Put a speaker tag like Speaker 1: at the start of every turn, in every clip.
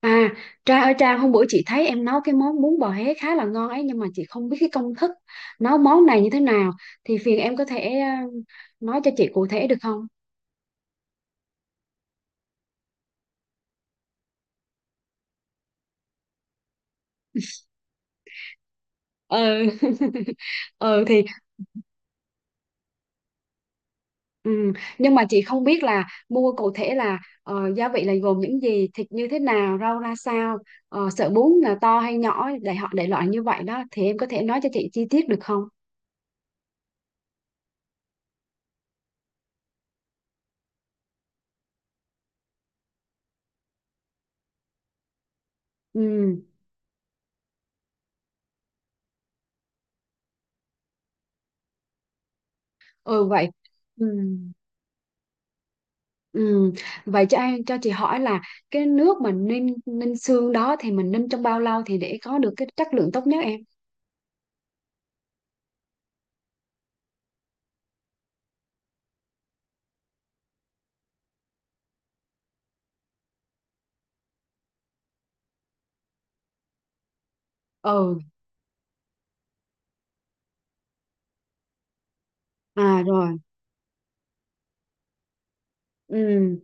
Speaker 1: À, Trang ơi Trang, hôm bữa chị thấy em nấu cái món bún bò Huế khá là ngon ấy, nhưng mà chị không biết cái công thức nấu món này như thế nào thì phiền em có thể nói cho chị cụ thể được không? Ừ. Ừ thì ừ. Nhưng mà chị không biết là mua cụ thể là gia vị là gồm những gì, thịt như thế nào, rau ra sao, sợi bún là to hay nhỏ để họ để loại như vậy đó, thì em có thể nói cho chị chi tiết được không? Ừ. Ừ vậy. Ừ. Ừ. Vậy cho chị hỏi là cái nước mà ninh ninh xương đó thì mình ninh trong bao lâu thì để có được cái chất lượng tốt nhất em? Ừ, à rồi. Ừ,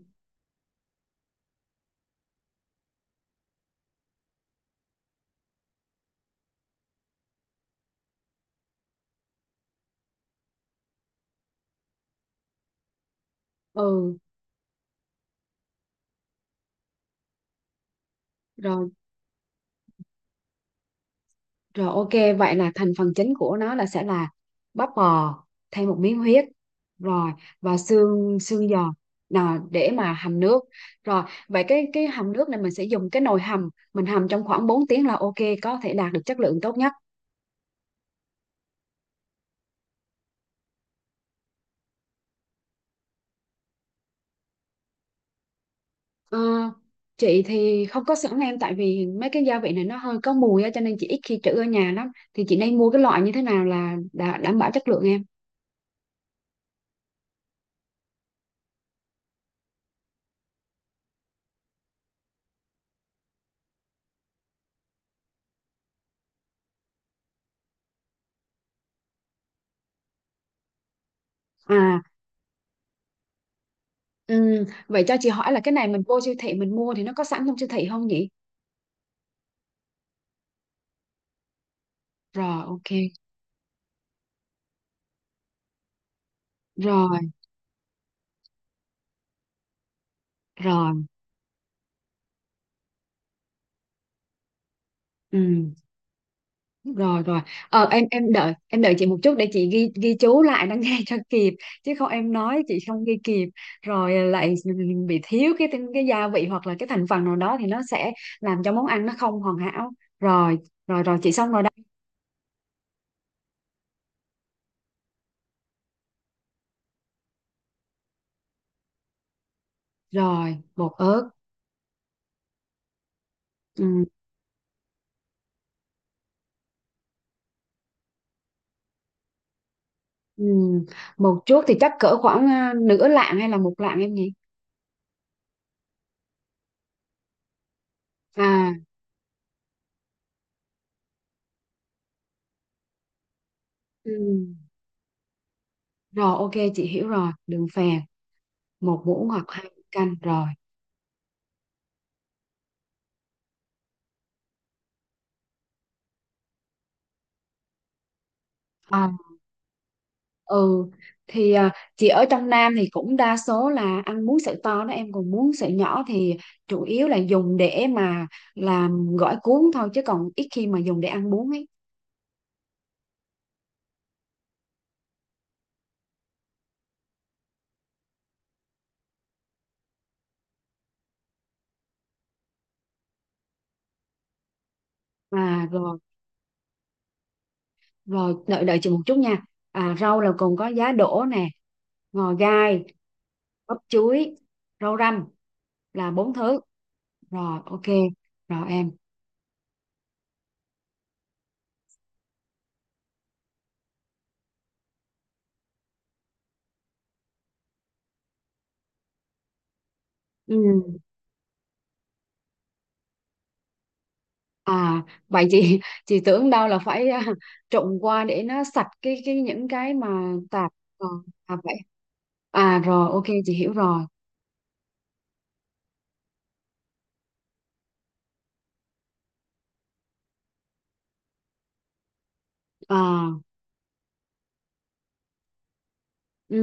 Speaker 1: ừ, rồi, rồi, ok, vậy là thành phần chính của nó là sẽ là bắp bò thêm một miếng huyết. Rồi, và xương xương giòn nào để mà hầm nước. Rồi, vậy cái hầm nước này mình sẽ dùng cái nồi hầm, mình hầm trong khoảng 4 tiếng là ok, có thể đạt được chất lượng tốt nhất. Ờ, chị thì không có sẵn em, tại vì mấy cái gia vị này nó hơi có mùi á, cho nên chị ít khi trữ ở nhà lắm, thì chị nên mua cái loại như thế nào là đã đảm bảo chất lượng em? À, vậy cho chị hỏi là cái này mình vô siêu thị mình mua thì nó có sẵn trong siêu thị không nhỉ? Rồi ok. Rồi rồi. Ừ. Rồi rồi. Em đợi chị một chút để chị ghi ghi chú lại nó nghe cho kịp, chứ không em nói chị không ghi kịp. Rồi, lại bị thiếu cái gia vị hoặc là cái thành phần nào đó thì nó sẽ làm cho món ăn nó không hoàn hảo. Rồi, rồi rồi, chị xong rồi đây. Rồi bột ớt. Ừ, ừ. Một chút thì chắc cỡ khoảng nửa lạng hay là một lạng em nhỉ? À. Ừ. Rồi ok, chị hiểu rồi. Đường phèn 1 muỗng hoặc 2 muỗng canh. Rồi. à, ừ thì chị ở trong Nam thì cũng đa số là ăn muối sợi to đó em, còn muối sợi nhỏ thì chủ yếu là dùng để mà làm gỏi cuốn thôi, chứ còn ít khi mà dùng để ăn bún ấy. À rồi. Rồi đợi đợi chị một chút nha. À, rau là còn có giá đỗ nè, ngò gai, bắp chuối, rau răm, là bốn thứ. Rồi ok. Rồi em. Ừ. À vậy chị chị tưởng đâu là phải trộn qua để nó sạch cái những cái mà tạp. À. À vậy. À rồi ok, chị hiểu rồi. À. Ừ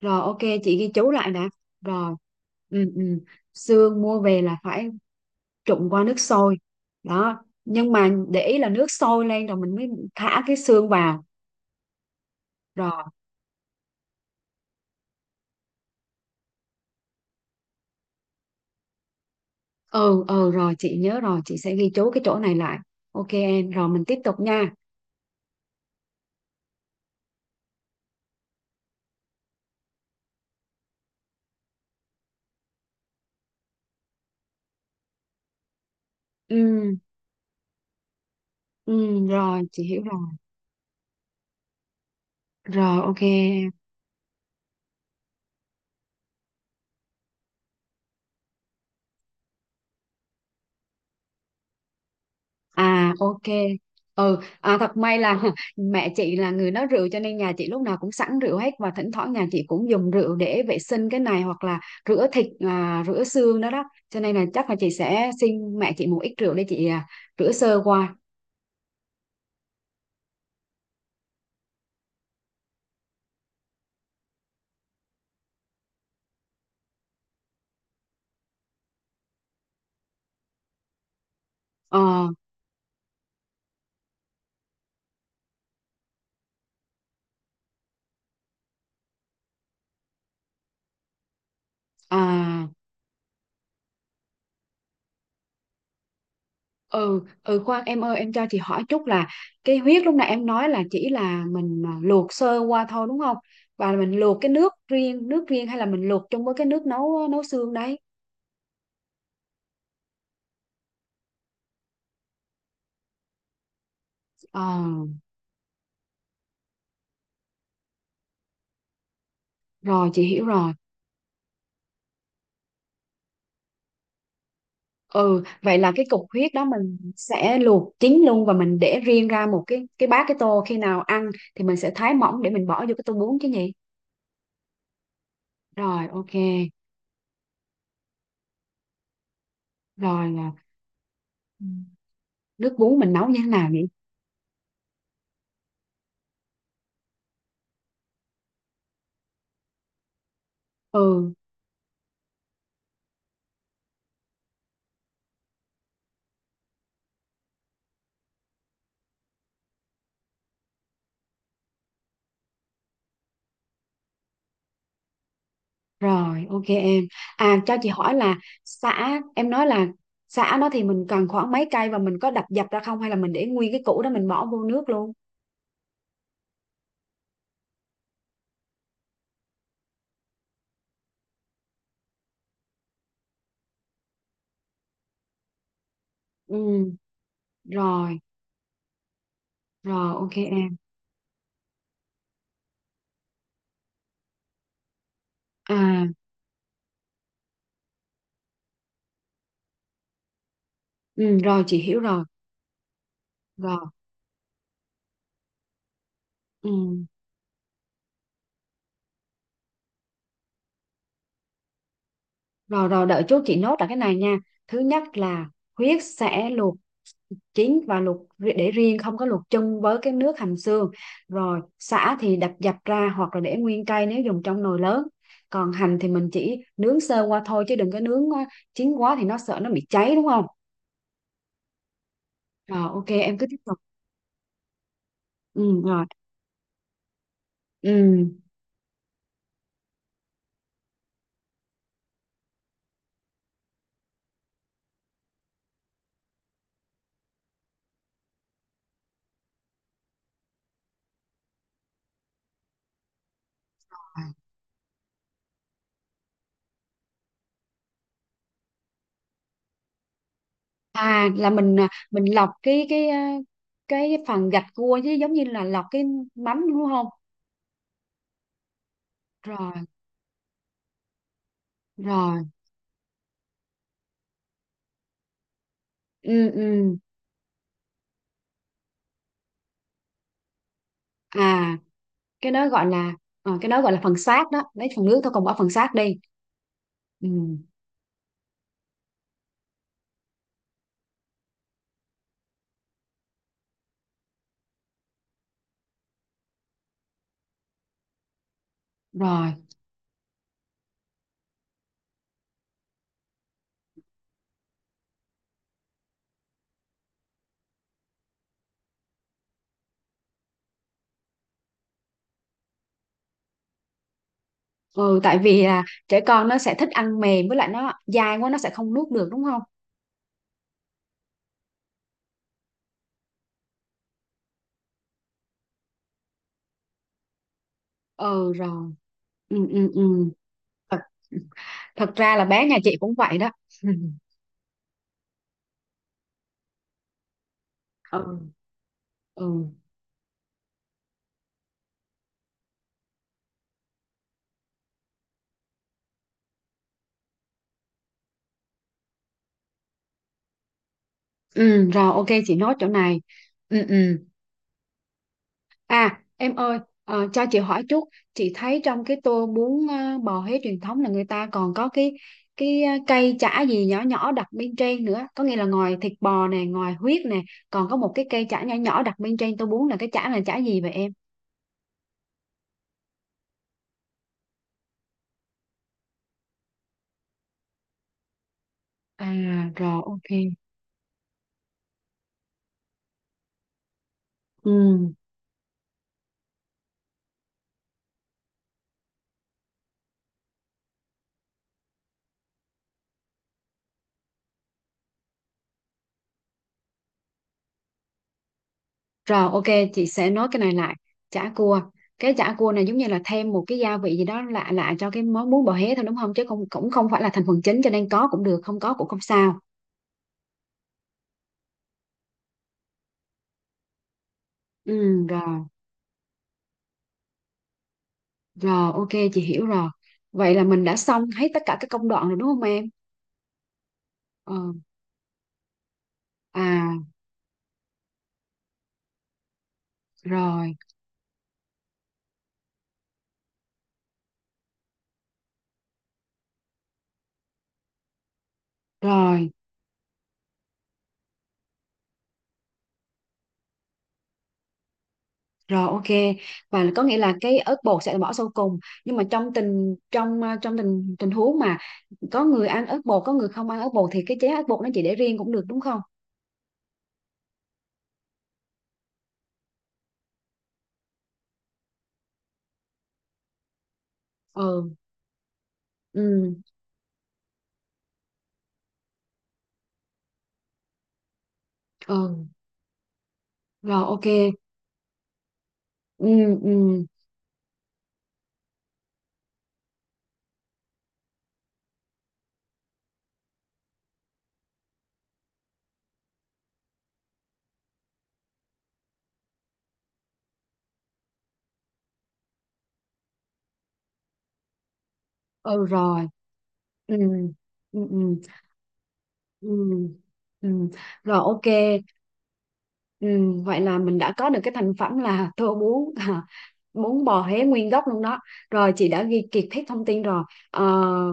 Speaker 1: rồi ok. Chị ghi chú lại đã. Rồi. Ừ, ừ. Xương mua về là phải trụng qua nước sôi đó, nhưng mà để ý là nước sôi lên rồi mình mới thả cái xương vào. Rồi. Ừ, ừ, rồi chị nhớ rồi, chị sẽ ghi chú cái chỗ này lại. Ok em, rồi mình tiếp tục nha. Ừ, ừ, rồi chị hiểu rồi. Rồi ok em. À ok. Ừ, thật may là mẹ chị là người nấu rượu, cho nên nhà chị lúc nào cũng sẵn rượu hết, và thỉnh thoảng nhà chị cũng dùng rượu để vệ sinh cái này, hoặc là rửa thịt, rửa xương đó đó. Cho nên là chắc là chị sẽ xin mẹ chị một ít rượu để chị rửa sơ qua. Ờ. À. Ừ, ừ, khoan em ơi, em cho chị hỏi chút là cái huyết lúc nãy em nói là chỉ là mình luộc sơ qua thôi đúng không? Và mình luộc cái nước riêng hay là mình luộc chung với cái nước nấu nấu xương đấy? Ờ, rồi chị hiểu rồi. Ừ, vậy là cái cục huyết đó mình sẽ luộc chín luôn và mình để riêng ra một cái bát cái tô, khi nào ăn thì mình sẽ thái mỏng để mình bỏ vô cái tô bún chứ nhỉ? Rồi, ok. Rồi là ừ, nước bún mình nấu như thế nào nhỉ? Ừ, rồi, ok em. À cho chị hỏi là sả em nói, là sả đó thì mình cần khoảng mấy cây, và mình có đập dập ra không hay là mình để nguyên cái củ đó mình bỏ vô nước luôn? Ừ, rồi, rồi ok em. À, ừ, rồi chị hiểu rồi. Rồi. Ừ. Rồi rồi, đợi chút chị nốt lại cái này nha. Thứ nhất là huyết sẽ luộc chín và luộc để riêng, không có luộc chung với cái nước hầm xương. Rồi sả thì đập dập ra hoặc là để nguyên cây nếu dùng trong nồi lớn. Còn hành thì mình chỉ nướng sơ qua thôi, chứ đừng có nướng quá chín quá thì nó sợ nó bị cháy đúng không? Rồi ok em, cứ tiếp tục. Ừ rồi. Ừ. À là mình mình lọc cái phần gạch cua, chứ giống như là lọc cái mắm đúng không? Rồi rồi. Ừ ừ. À, cái đó gọi là phần xác đó, lấy phần nước thôi còn bỏ phần xác đi. Ừ, rồi. Ừ, tại vì là trẻ con nó sẽ thích ăn mềm, với lại nó dai quá nó sẽ không nuốt được đúng không? Ừ rồi. Ừ, ừ, ừ. Thật, thật ra là bé nhà chị cũng vậy đó. Ừ, ừ. Ừ rồi ok, chị nốt chỗ này. Ừ, ừ. À em ơi, cho chị hỏi chút. Chị thấy trong cái tô bún bò Huế truyền thống là người ta còn có cái cây chả gì nhỏ nhỏ đặt bên trên nữa, có nghĩa là ngoài thịt bò nè, ngoài huyết nè, còn có một cái cây chả nhỏ nhỏ đặt bên trên tô bún, là cái chả là chả gì vậy em? À rồi ok. Ừ. Rồi ok, chị sẽ nói cái này lại. Chả cua. Cái chả cua này giống như là thêm một cái gia vị gì đó lạ lạ cho cái món bún bò Huế thôi đúng không? Chứ không cũng không phải là thành phần chính, cho nên có cũng được không có cũng không sao. Ừ rồi. Rồi, ok, chị hiểu rồi. Vậy là mình đã xong hết tất cả các công đoạn rồi đúng không em? Ờ, à, rồi, rồi, rồi, ok. Và có nghĩa là cái ớt bột sẽ bỏ sau cùng. Nhưng mà trong tình trong ờ, trong tình tình huống mà có người ăn ớt bột, có người không ăn ớt bột, thì cái chén ớt bột nó chị để riêng cũng được đúng không? Ừ, ừ, ừ, rồi, ok. Ừ, ừ. Ừ rồi. Ừ ừ ừ ừ ừ. Rồi ok. Ừ, vậy là mình đã có được cái thành phẩm là tô bún bún bò Huế nguyên gốc luôn đó. Rồi chị đã ghi kiệt hết thông tin rồi. ờ,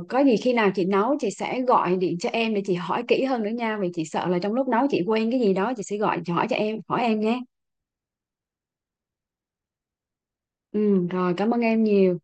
Speaker 1: có gì khi nào chị nấu chị sẽ gọi điện cho em để chị hỏi kỹ hơn nữa nha, vì chị sợ là trong lúc nấu chị quên cái gì đó chị sẽ gọi chị hỏi cho em hỏi em nhé. Ừ rồi, cảm ơn em nhiều.